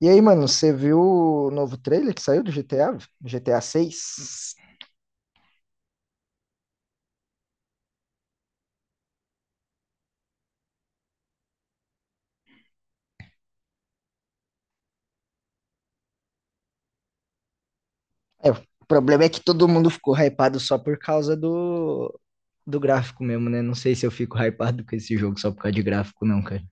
E aí, mano, você viu o novo trailer que saiu do GTA? GTA 6? É, o problema é que todo mundo ficou hypado só por causa do gráfico mesmo, né? Não sei se eu fico hypado com esse jogo só por causa de gráfico, não, cara.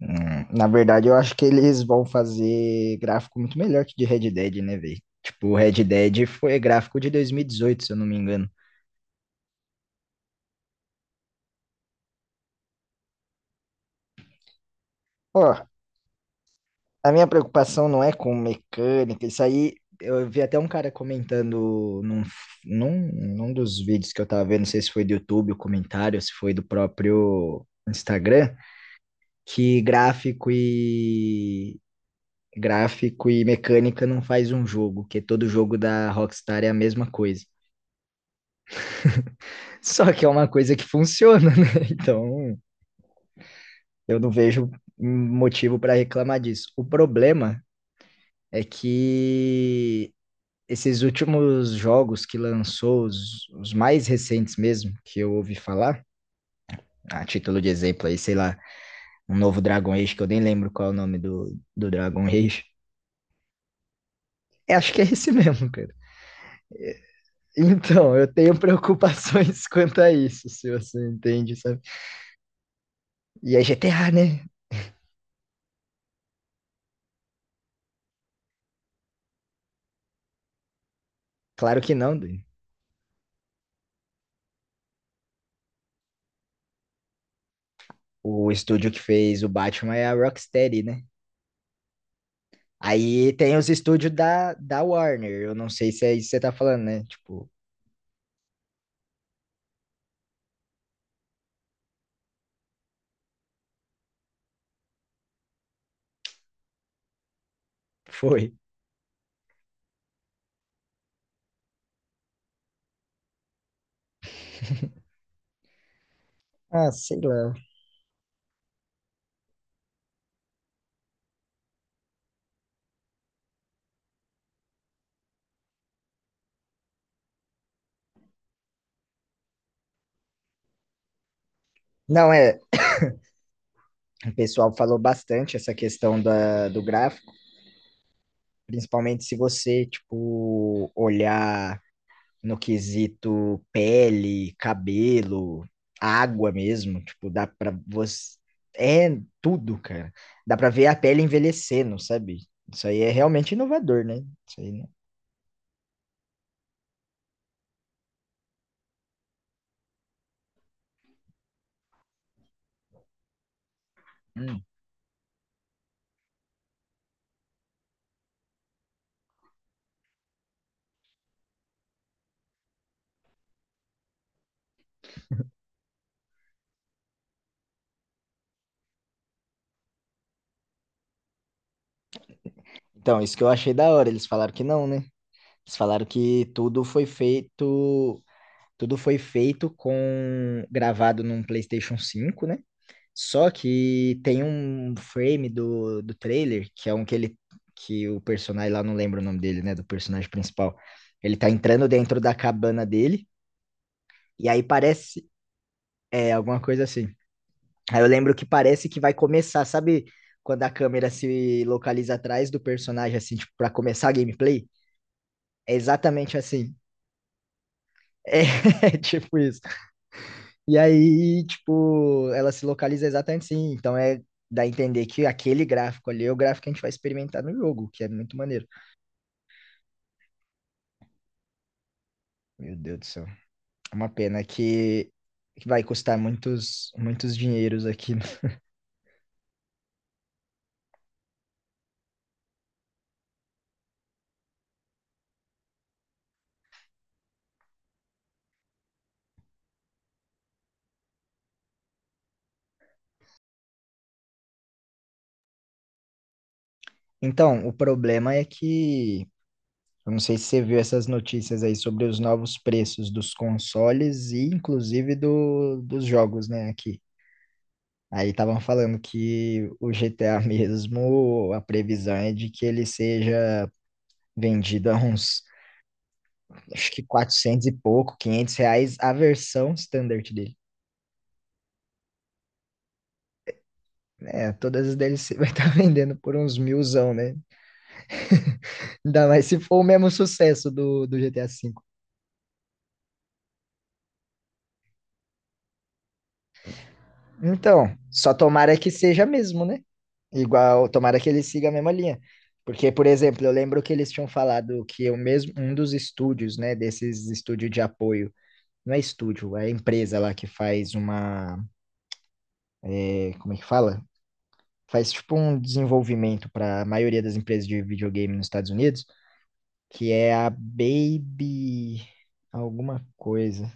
Na verdade, eu acho que eles vão fazer gráfico muito melhor que de Red Dead, né, velho? Tipo, o Red Dead foi gráfico de 2018, se eu não me engano. Ó, a minha preocupação não é com mecânica. Isso aí eu vi até um cara comentando num, num dos vídeos que eu tava vendo, não sei se foi do YouTube o comentário, se foi do próprio Instagram, que gráfico e mecânica não faz um jogo, que todo jogo da Rockstar é a mesma coisa. Só que é uma coisa que funciona, né? Então, eu não vejo motivo para reclamar disso. O problema é que esses últimos jogos que lançou, os mais recentes mesmo, que eu ouvi falar, a título de exemplo aí, sei lá, um novo Dragon Age, que eu nem lembro qual é o nome do Dragon Age. É, acho que é esse mesmo, cara. Então, eu tenho preocupações quanto a isso, se você entende, sabe? E é GTA, né? Claro que não, Dani. O estúdio que fez o Batman é a Rocksteady, né? Aí tem os estúdios da, Warner. Eu não sei se é isso que você tá falando, né? Tipo, foi. Ah, sei lá. Não, é, o pessoal falou bastante essa questão do gráfico, principalmente se você, tipo, olhar no quesito pele, cabelo, água mesmo, tipo, dá pra você. É tudo, cara. Dá pra ver a pele envelhecendo, sabe? Isso aí é realmente inovador, né? Isso aí, né? Hum. Então, isso que eu achei da hora, eles falaram que não, né? Eles falaram que tudo foi feito. Tudo foi feito com. Gravado num PlayStation 5, né? Só que tem um frame do trailer, que é um que que o personagem lá, não lembro o nome dele, né, do personagem principal. Ele tá entrando dentro da cabana dele, e aí parece, alguma coisa assim. Aí eu lembro que parece que vai começar, sabe, quando a câmera se localiza atrás do personagem, assim, tipo, pra começar a gameplay. É exatamente assim. É, tipo isso. E aí, tipo, ela se localiza exatamente assim. Então dá a entender que aquele gráfico ali é o gráfico que a gente vai experimentar no jogo, que é muito maneiro. Meu Deus do céu. É uma pena que vai custar muitos muitos dinheiros aqui. Então, o problema é que eu não sei se você viu essas notícias aí sobre os novos preços dos consoles e inclusive dos jogos, né, aqui. Aí estavam falando que o GTA mesmo, a previsão é de que ele seja vendido a uns, acho que, 400 e pouco, 500 reais, a versão standard dele. É, todas as DLC vai estar vendendo por uns milzão, né? Ainda mais se for o mesmo sucesso do GTA V. Então, só tomara que seja mesmo, né? Igual, tomara que ele siga a mesma linha. Porque, por exemplo, eu lembro que eles tinham falado que o mesmo, um dos estúdios, né, desses estúdios de apoio, não é estúdio, é empresa lá que faz uma, como é que fala? Faz tipo um desenvolvimento para a maioria das empresas de videogame nos Estados Unidos, que é a Baby alguma coisa,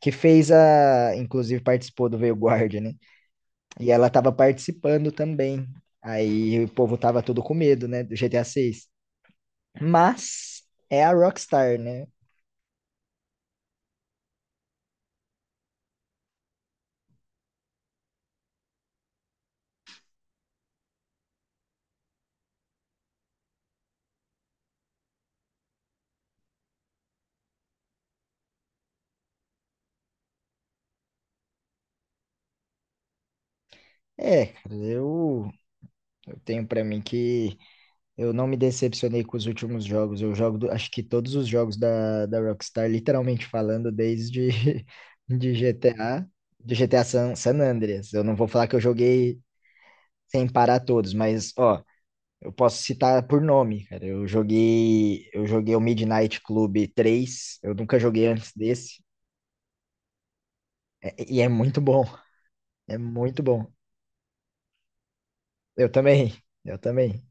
que fez inclusive participou do Veio Guarda, né? E ela tava participando também. Aí o povo tava todo com medo, né, do GTA 6. Mas é a Rockstar, né? É, cara, eu tenho pra mim que eu não me decepcionei com os últimos jogos. Eu jogo, acho que todos os jogos da, Rockstar, literalmente falando, desde de GTA, San Andreas. Eu não vou falar que eu joguei sem parar todos, mas ó, eu posso citar por nome, cara. Eu joguei o Midnight Club 3. Eu nunca joguei antes desse, e é muito bom, é muito bom. Eu também, eu também.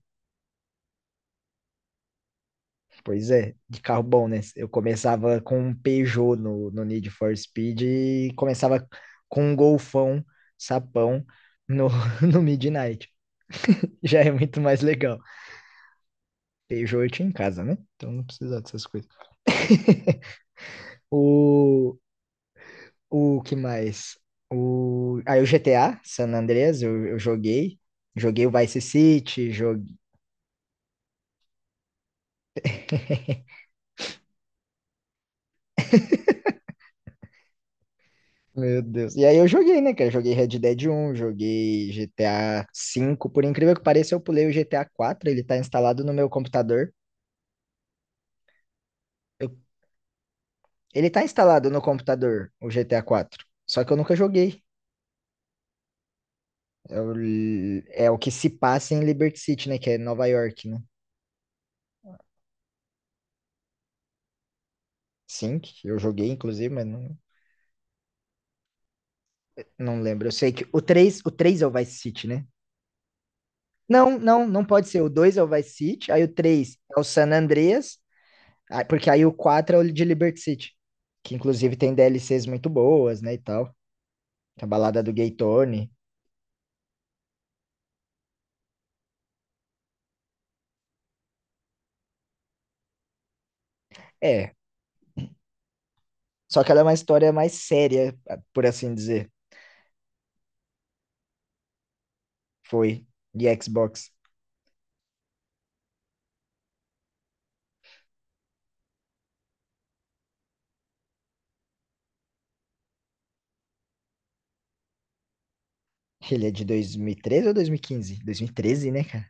Pois é, de carro bom, né? Eu começava com um Peugeot no, Need for Speed e começava com um Golfão, sapão no, no Midnight. Já é muito mais legal. Peugeot eu tinha em casa, né? Então não precisava dessas coisas. O, O que mais? Aí o GTA, San Andreas, eu joguei. Joguei o Vice City, joguei. Meu Deus. E aí eu joguei, né, cara? Joguei Red Dead 1, joguei GTA 5. Por incrível que pareça, eu pulei o GTA 4. Ele tá instalado no meu computador. Eu- Ele tá instalado no computador, o GTA 4. Só que eu nunca joguei. É o, é o que se passa em Liberty City, né? Que é Nova York, né? Sim, que eu joguei, inclusive, mas não, não lembro. Eu sei que o 3 é o Vice City, né? Não, não, não pode ser. O 2 é o Vice City, aí o 3 é o San Andreas, porque aí o 4 é o de Liberty City, que inclusive tem DLCs muito boas, né, e tal. A balada do Gay Tony. É, só que ela é uma história mais séria, por assim dizer. Foi de Xbox. Ele é de 2013 ou 2015? 2013, né, cara?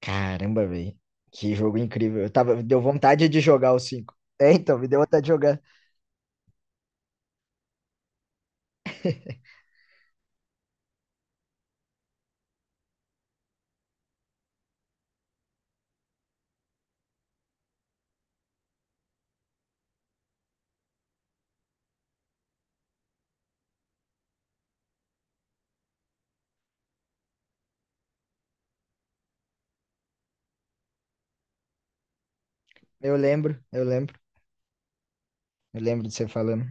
Caramba, velho. Que jogo incrível. Eu tava, deu vontade de jogar o 5. É, então, me deu vontade de jogar. Eu lembro, eu lembro. Eu lembro de você falando.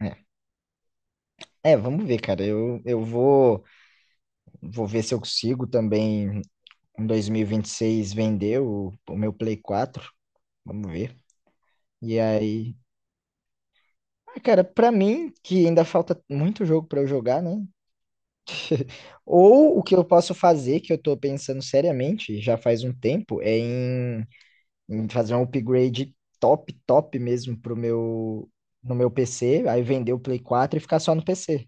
É. É, vamos ver, cara. Eu vou ver se eu consigo também em dois mil e vinte e seis vender o meu Play 4. Vamos ver. E aí, ah, cara, pra mim, que ainda falta muito jogo pra eu jogar, né? Ou o que eu posso fazer, que eu tô pensando seriamente, já faz um tempo, é em fazer um upgrade top, top mesmo no meu PC, aí vender o Play 4 e ficar só no PC.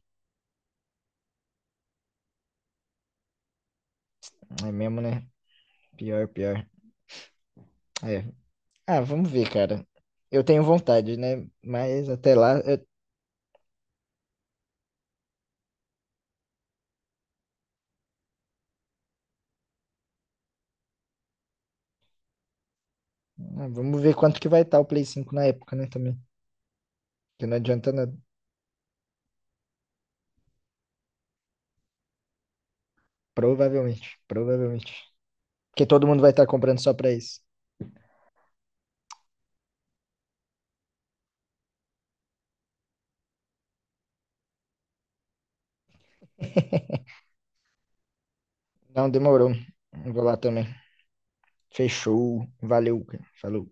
É mesmo, né? Pior, pior. É. Ah, vamos ver, cara. Eu tenho vontade, né? Mas até lá, ah, vamos ver quanto que vai estar o Play 5 na época, né, também. Que não adianta nada. Provavelmente, provavelmente. Porque todo mundo vai estar comprando só pra isso. Não, demorou. Eu vou lá também. Fechou. Valeu, cara. Falou.